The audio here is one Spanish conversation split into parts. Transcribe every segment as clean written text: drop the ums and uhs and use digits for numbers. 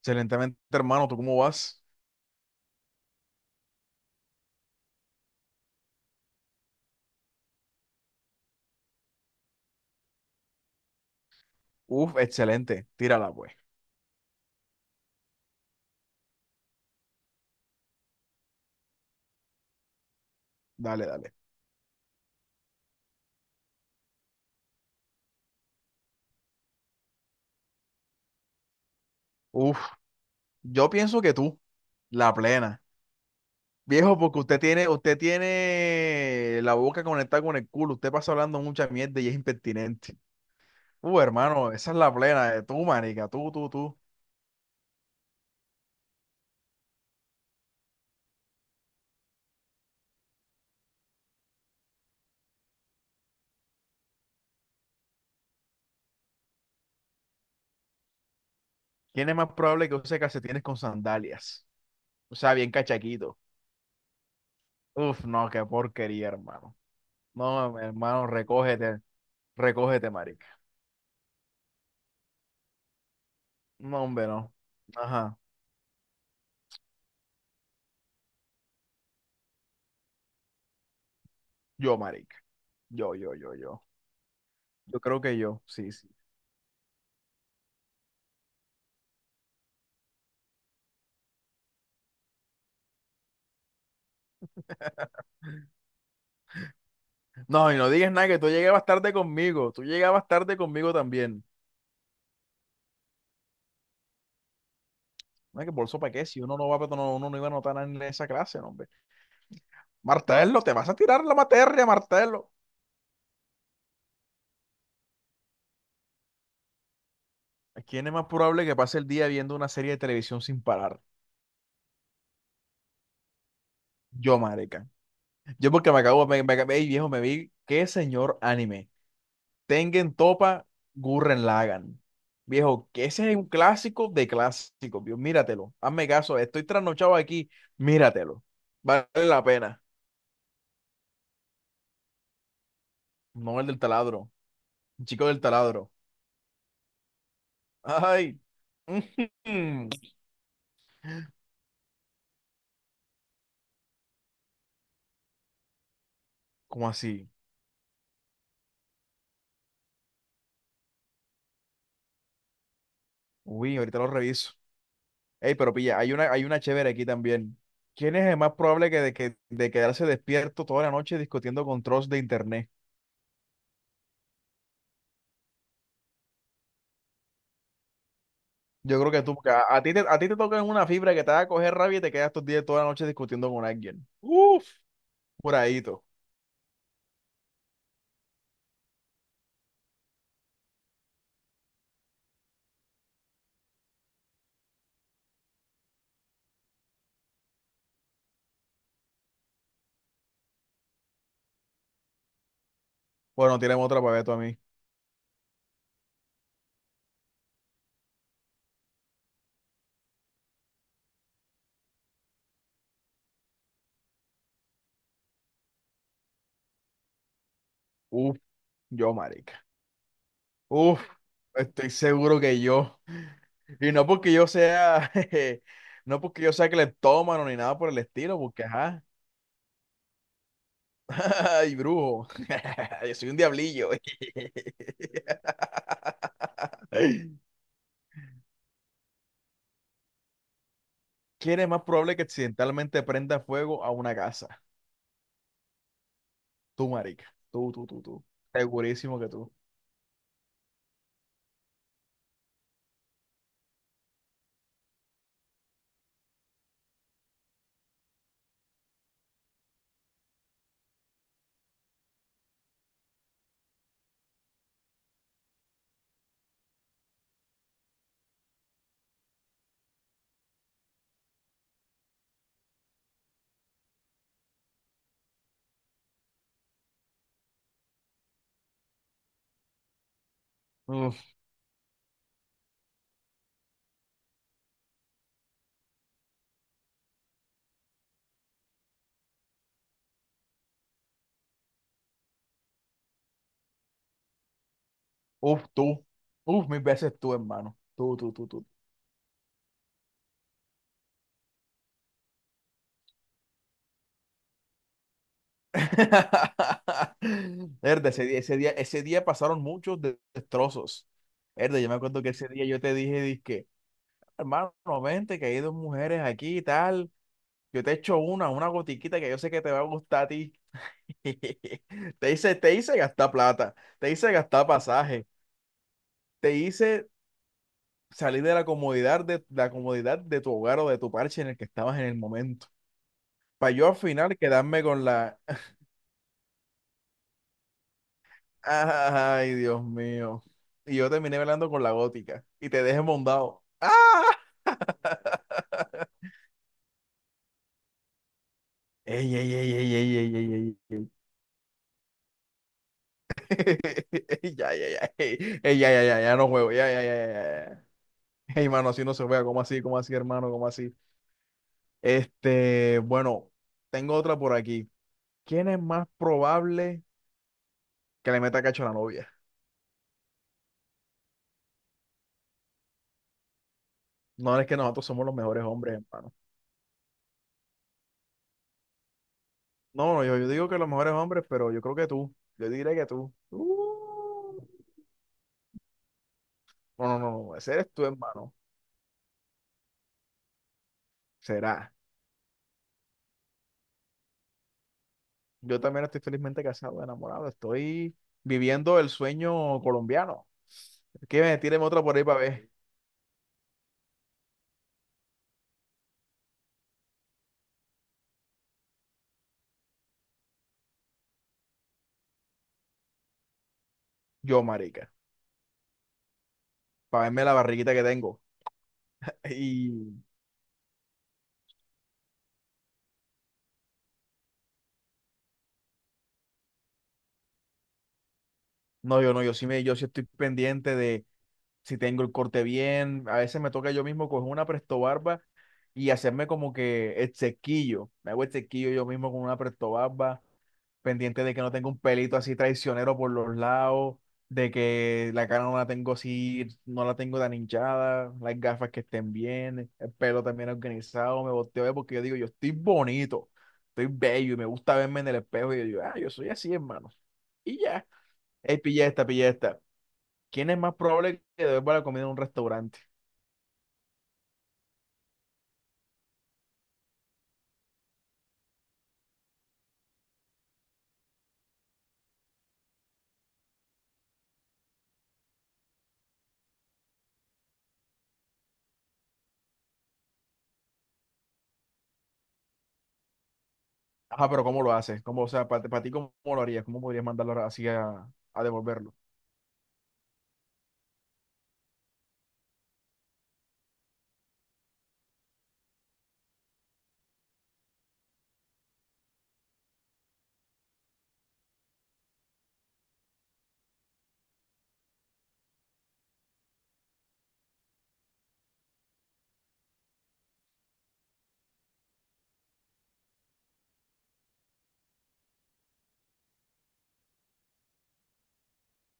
Excelentemente, hermano. ¿Tú cómo vas? Uf, excelente. Tírala, pues. Dale, dale. Uf, yo pienso que tú, la plena. Viejo, porque usted tiene la boca conectada con el culo. Usted pasa hablando mucha mierda y es impertinente. Hermano, esa es la plena. Tú, marica, tú. ¿Quién es más probable que use calcetines con sandalias? O sea, bien cachaquito. Uf, no, qué porquería, hermano. No, hermano, recógete, recógete, marica. No, hombre, no. Ajá, yo, marica. Yo. Yo creo que yo, sí, sí. No, y no digas nada, que tú llegabas tarde conmigo. Tú llegabas tarde conmigo también. No, que por eso para qué, si uno no va, pero no, uno no iba a notar nada en esa clase, no, hombre. Martelo, te vas a tirar la materia, Martelo. ¿A quién es más probable que pase el día viendo una serie de televisión sin parar? Yo, marica. Yo porque me acabo, ey, viejo, me vi qué señor anime. Tengen Topa, Gurren Lagann. Viejo, que ese es un clásico de clásicos, viejo. Míratelo. Hazme caso, estoy trasnochado aquí. Míratelo. Vale la pena. No, el del taladro. El chico del taladro. Ay. Ujú. ¿Cómo así? Uy, ahorita lo reviso. Ey, pero pilla, hay una chévere aquí también. ¿Quién es el más probable que de quedarse despierto toda la noche discutiendo con trolls de internet? Yo creo que tú, porque a ti a ti te toca en una fibra que te va a coger rabia y te quedas estos días toda la noche discutiendo con alguien. Uf, curadito. Bueno, tienen otra para ver tú a mí. Uf, yo, marica. Uf, estoy seguro que yo. Y no porque yo sea, jeje, no porque yo sea cleptómano ni nada por el estilo, porque ajá. Ay, brujo. Yo soy un diablillo. ¿Quién es más probable que accidentalmente prenda fuego a una casa? Tú, marica. Tú. Segurísimo que tú. Uf. Uf, tú. Uf, mil veces tú, hermano. Tú. Verde, ese día pasaron muchos destrozos. Verde, yo me acuerdo que ese día yo te dije, dizque, hermano, vente, que hay dos mujeres aquí y tal. Yo te echo una gotiquita que yo sé que te va a gustar a ti. Te hice gastar plata, te hice gastar pasaje, te hice salir de la comodidad de tu hogar o de tu parche en el que estabas en el momento. Para yo al final quedarme con la... Ah, ay, Dios mío. Y yo terminé bailando con la gótica y te dejé mondado. ¡Ah! Ey, ey, ey, ey, ey, ey, ey, ey, ey. Ey, ya. Ya no juego. Ya. ya. Ey, mano, así no se juega. ¿Cómo así? ¿Cómo así, hermano? ¿Cómo así? Bueno, tengo otra por aquí. ¿Quién es más probable que le meta cacho a la novia? No, es que nosotros somos los mejores hombres, hermano. No, no, yo digo que los mejores hombres, pero yo creo que tú. Yo diría que tú. No, ese eres tú, hermano. Será. Yo también estoy felizmente casado, enamorado. Estoy viviendo el sueño colombiano. Que me tiren otra por ahí para ver. Yo, marica. Para verme la barriguita que tengo. Y no, yo no, yo sí yo sí estoy pendiente de si tengo el corte bien. A veces me toca yo mismo coger una presto barba y hacerme como que el sequillo. Me hago el sequillo yo mismo con una presto barba, pendiente de que no tenga un pelito así traicionero por los lados, de que la cara no la tengo así, no la tengo tan hinchada, las gafas que estén bien, el pelo también organizado. Me volteo a ver porque yo digo, yo estoy bonito, estoy bello y me gusta verme en el espejo, y yo digo, ah, yo soy así, hermano. Y ya, hey, pilla esta, pilla esta. ¿Quién es más probable que devuelva la comida en un restaurante? Ajá, pero ¿cómo lo haces? Cómo, o sea, para ti, ¿cómo lo harías? ¿Cómo podrías mandarlo así a devolverlo?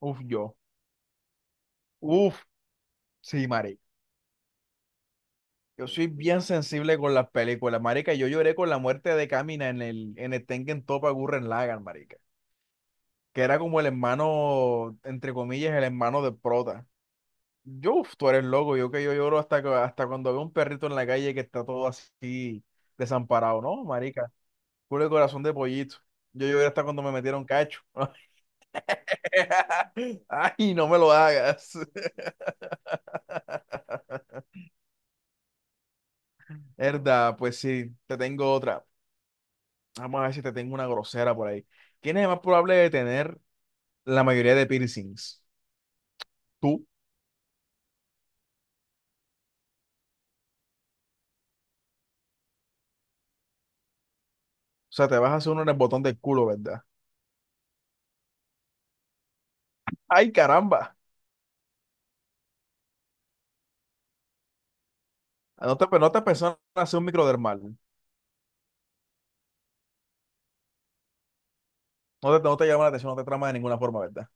Uf, yo. Uf, sí. Yo soy bien sensible con las películas, marica. Yo lloré con la muerte de Kamina en en el Tengen Toppa Gurren Lagann, marica. Que era como el hermano, entre comillas, el hermano de Prota. Yo, uf, tú eres loco. Yo, que yo lloro hasta, hasta cuando veo un perrito en la calle que está todo así desamparado, ¿no, marica? Puro corazón de pollito. Yo lloré hasta cuando me metieron cacho. Ay, no me lo hagas. Verdad, pues sí, te tengo otra. Vamos a ver si te tengo una grosera por ahí. ¿Quién es más probable de tener la mayoría de piercings? Tú, o sea, ¿te vas a hacer uno en el botón del culo, verdad? ¡Ay, caramba! ¿No te, no te pensaron hacer un microdermal? ¿No te, no te llama la atención, no te trama de ninguna forma, verdad?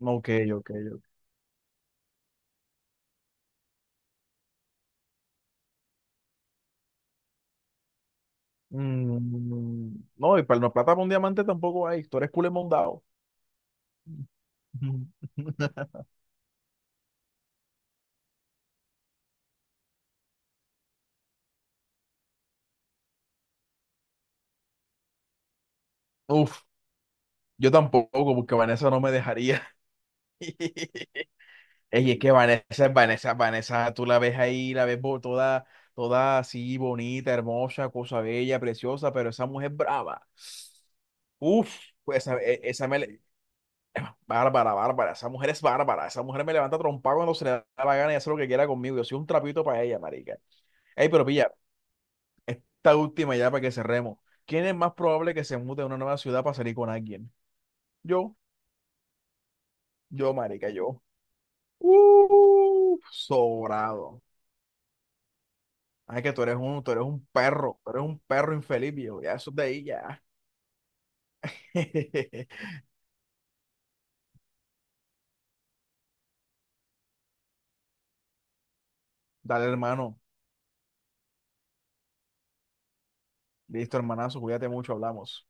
Ok, ok, ok. Mm, no, y para no, plata para un diamante tampoco hay. Tú eres culo mondado. Uf, yo tampoco, porque Vanessa no me dejaría. Ey, es que Vanessa, Vanessa, Vanessa, tú la ves ahí, la ves toda, toda así, bonita, hermosa, cosa bella, preciosa, pero esa mujer brava. Uf, pues esa, esa me... Bárbara, bárbara. Esa mujer es bárbara. Esa mujer me levanta trompa cuando se le da la gana y hace lo que quiera conmigo. Yo soy un trapito para ella, marica. Ey, pero pilla, esta última ya para que cerremos. ¿Quién es más probable que se mute a una nueva ciudad para salir con alguien? Yo, marica, yo. Sobrado. Ay, que tú eres un perro. Tú eres un perro infeliz, viejo. Ya, eso es de ahí, ya. Dale, hermano. Listo, hermanazo. Cuídate mucho, hablamos.